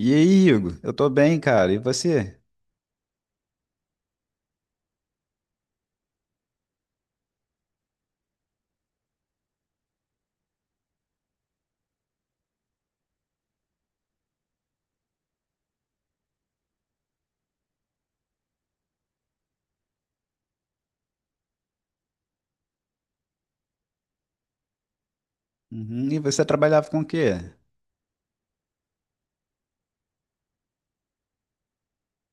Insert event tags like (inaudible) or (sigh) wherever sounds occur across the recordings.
E aí, Hugo? Eu tô bem, cara. E você? Uhum. E você trabalhava com o quê?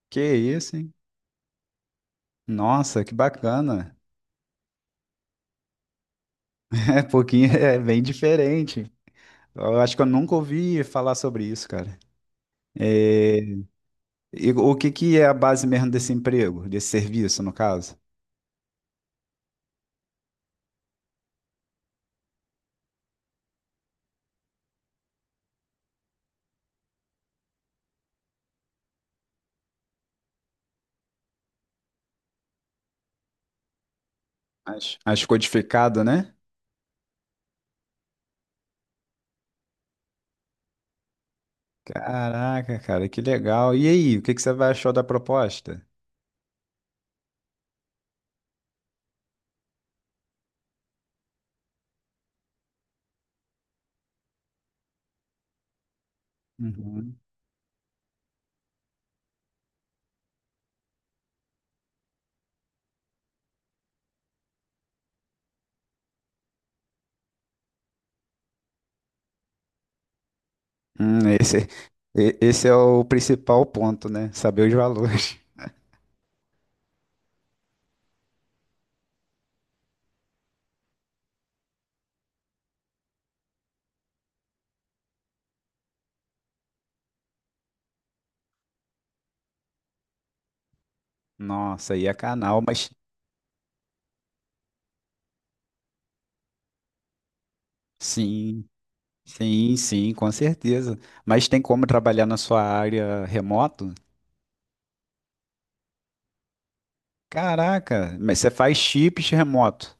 Que isso, hein? Nossa, que bacana. (laughs) É pouquinho, é bem diferente. Eu acho que eu nunca ouvi falar sobre isso, cara. É, E o que que é a base mesmo desse emprego, desse serviço, no caso? As codificado, né? Caraca, cara, que legal. E aí, o que que você vai achou da proposta? Uhum. Hum, esse, esse é o principal ponto, né? Saber os valores. Nossa, aí é canal, mas sim, sim, sim, com certeza. Mas tem como trabalhar na sua área remoto? Caraca, mas você faz chips remoto.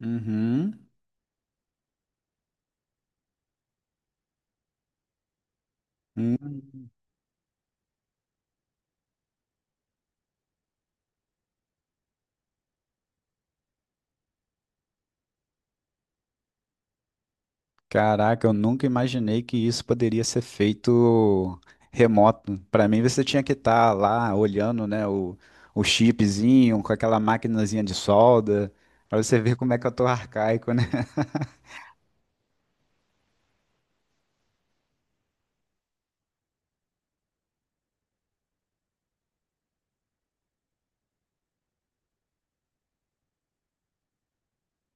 Uhum. Hum. Caraca, eu nunca imaginei que isso poderia ser feito remoto. Para mim, você tinha que estar lá olhando, né, o chipzinho com aquela maquinazinha de solda, para você ver como é que eu tô arcaico, né?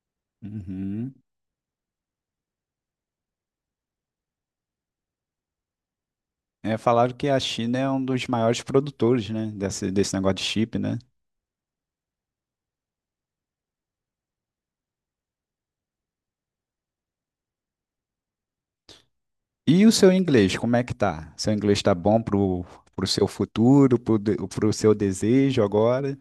(laughs) Uhum. Falaram que a China é um dos maiores produtores, né, desse negócio de chip, né? E o seu inglês, como é que tá? Seu inglês tá bom pro seu futuro, pro seu desejo agora?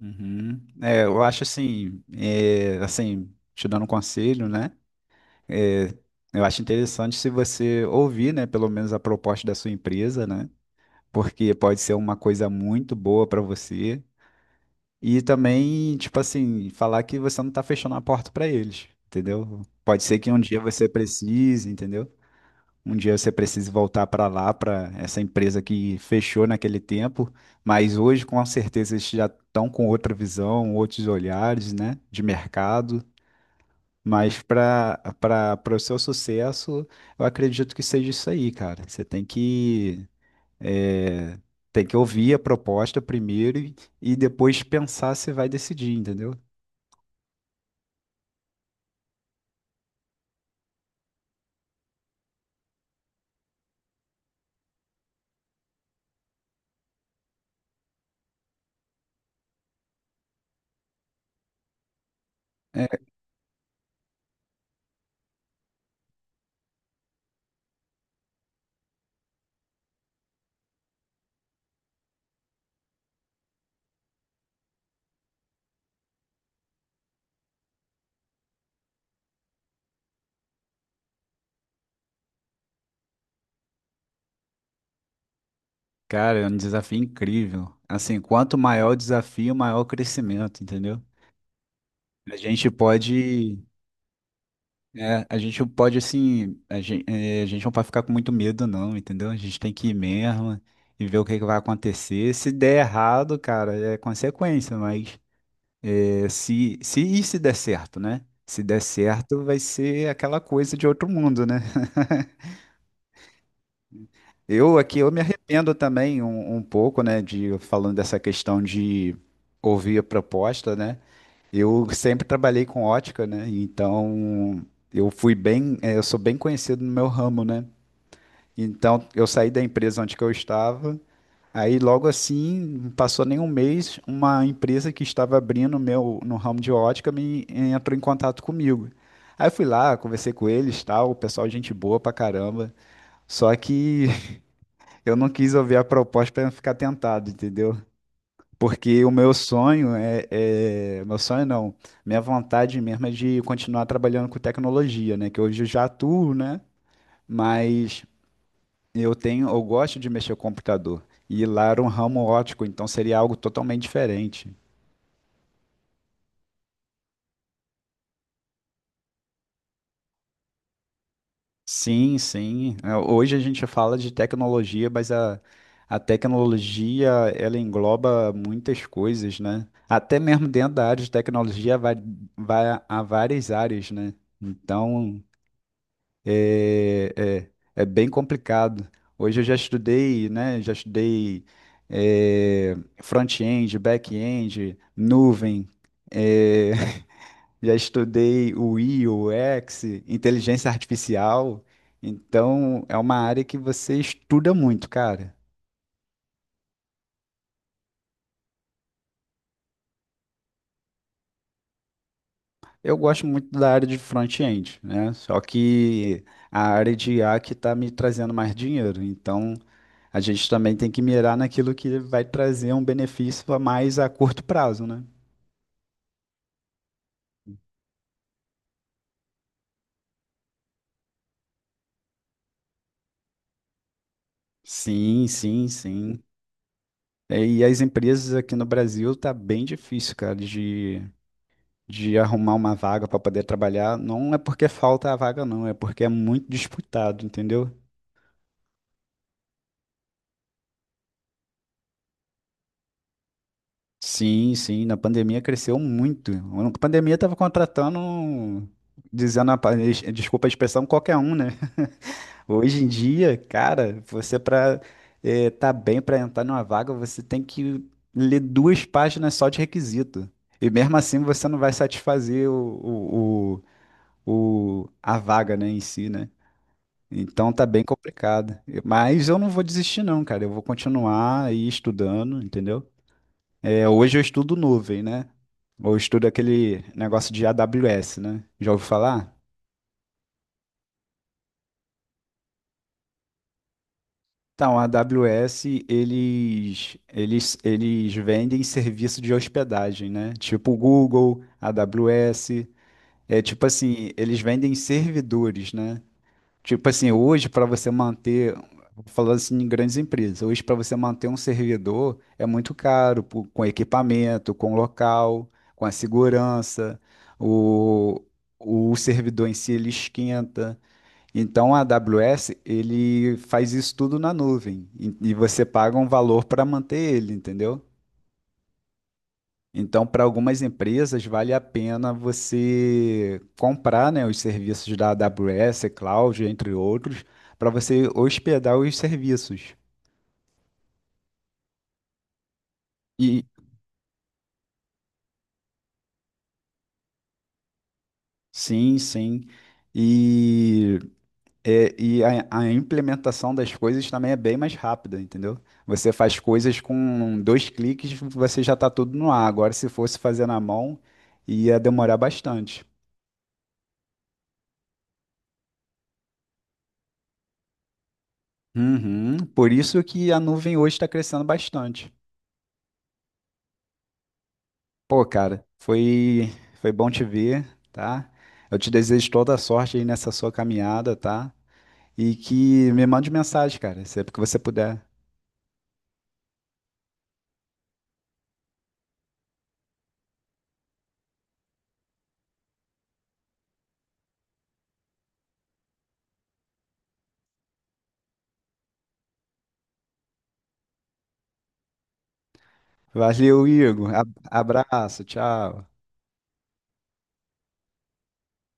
Uhum. Eu acho assim, assim, te dando um conselho, né? É, eu acho interessante se você ouvir, né, pelo menos a proposta da sua empresa, né? Porque pode ser uma coisa muito boa para você. E também, tipo assim, falar que você não tá fechando a porta pra eles, entendeu? Pode ser que um dia você precise, entendeu? Um dia você precise voltar pra lá, pra essa empresa que fechou naquele tempo, mas hoje com certeza eles já estão com outra visão, outros olhares, né, de mercado. Mas para o seu sucesso, eu acredito que seja isso aí, cara. Você tem que é, tem que ouvir a proposta primeiro e depois pensar se vai decidir, entendeu? É, Cara, é um desafio incrível. Assim, quanto maior o desafio, maior o crescimento, entendeu? A gente pode, a gente pode assim, a gente não pode ficar com muito medo, não, entendeu? A gente tem que ir mesmo e ver o que que vai acontecer. Se der errado, cara, é consequência, mas se der certo, né? Se der certo, vai ser aquela coisa de outro mundo, né? (laughs) Eu aqui eu me arrependo também um pouco, né, de falando dessa questão de ouvir a proposta, né? Eu sempre trabalhei com ótica, né? Então eu sou bem conhecido no meu ramo, né? Então eu saí da empresa onde que eu estava, aí logo assim, não passou nem um mês, uma empresa que estava abrindo o meu no ramo de ótica me entrou em contato comigo. Aí eu fui lá, conversei com eles, tal, o pessoal gente boa pra caramba. Só que eu não quis ouvir a proposta para não ficar tentado, entendeu? Porque o meu sonho , meu sonho não. Minha vontade mesmo é de continuar trabalhando com tecnologia, né? Que hoje eu já atuo, né? Mas eu gosto de mexer com o computador. E lá era um ramo ótico, então seria algo totalmente diferente. Sim, sim. Hoje a gente fala de tecnologia, mas a tecnologia ela engloba muitas coisas, né? Até mesmo dentro da área de tecnologia vai a várias áreas, né? Então é, é, é bem complicado. Hoje eu já estudei, né? Já estudei front-end, back-end, nuvem. é, já estudei o I, o UX, inteligência artificial. Então, é uma área que você estuda muito, cara. Eu gosto muito da área de front-end, né? Só que a área de I a que está me trazendo mais dinheiro. Então, a gente também tem que mirar naquilo que vai trazer um benefício a mais a curto prazo, né? Sim, sim, sim. E as empresas aqui no Brasil tá bem difícil, cara, de arrumar uma vaga para poder trabalhar, não é porque falta a vaga, não, é porque é muito disputado, entendeu? Sim, sim, na pandemia cresceu muito. Na pandemia tava contratando, dizendo desculpa a expressão, qualquer um, né? (laughs) Hoje em dia, cara, você para tá bem para entrar numa vaga, você tem que ler duas páginas só de requisito. E mesmo assim você não vai satisfazer a vaga, né, em si, né? Então tá bem complicado. Mas eu não vou desistir, não, cara. Eu vou continuar aí estudando, entendeu? Hoje eu estudo nuvem, né? Ou estudo aquele negócio de AWS, né? Já ouviu falar? Então, a AWS, eles vendem serviço de hospedagem, né? Tipo Google, AWS. É tipo assim, eles vendem servidores, né? Tipo assim, hoje para você manter, falando assim em grandes empresas, hoje para você manter um servidor é muito caro, pô, com equipamento, com local, com a segurança, o, o servidor em si ele esquenta. Então a AWS ele faz isso tudo na nuvem e você paga um valor para manter ele, entendeu? Então, para algumas empresas, vale a pena você comprar, né, os serviços da AWS, Cloud, entre outros, para você hospedar os serviços. E sim, sim. E, e a implementação das coisas também é bem mais rápida, entendeu? Você faz coisas com dois cliques, você já está tudo no ar. Agora, se fosse fazer na mão, ia demorar bastante. Uhum. Por isso que a nuvem hoje está crescendo bastante. Pô, cara, foi bom te ver, tá? Eu te desejo toda a sorte aí nessa sua caminhada, tá? E que me mande mensagem, cara, sempre que você puder. Valeu, Igor. Abraço, tchau.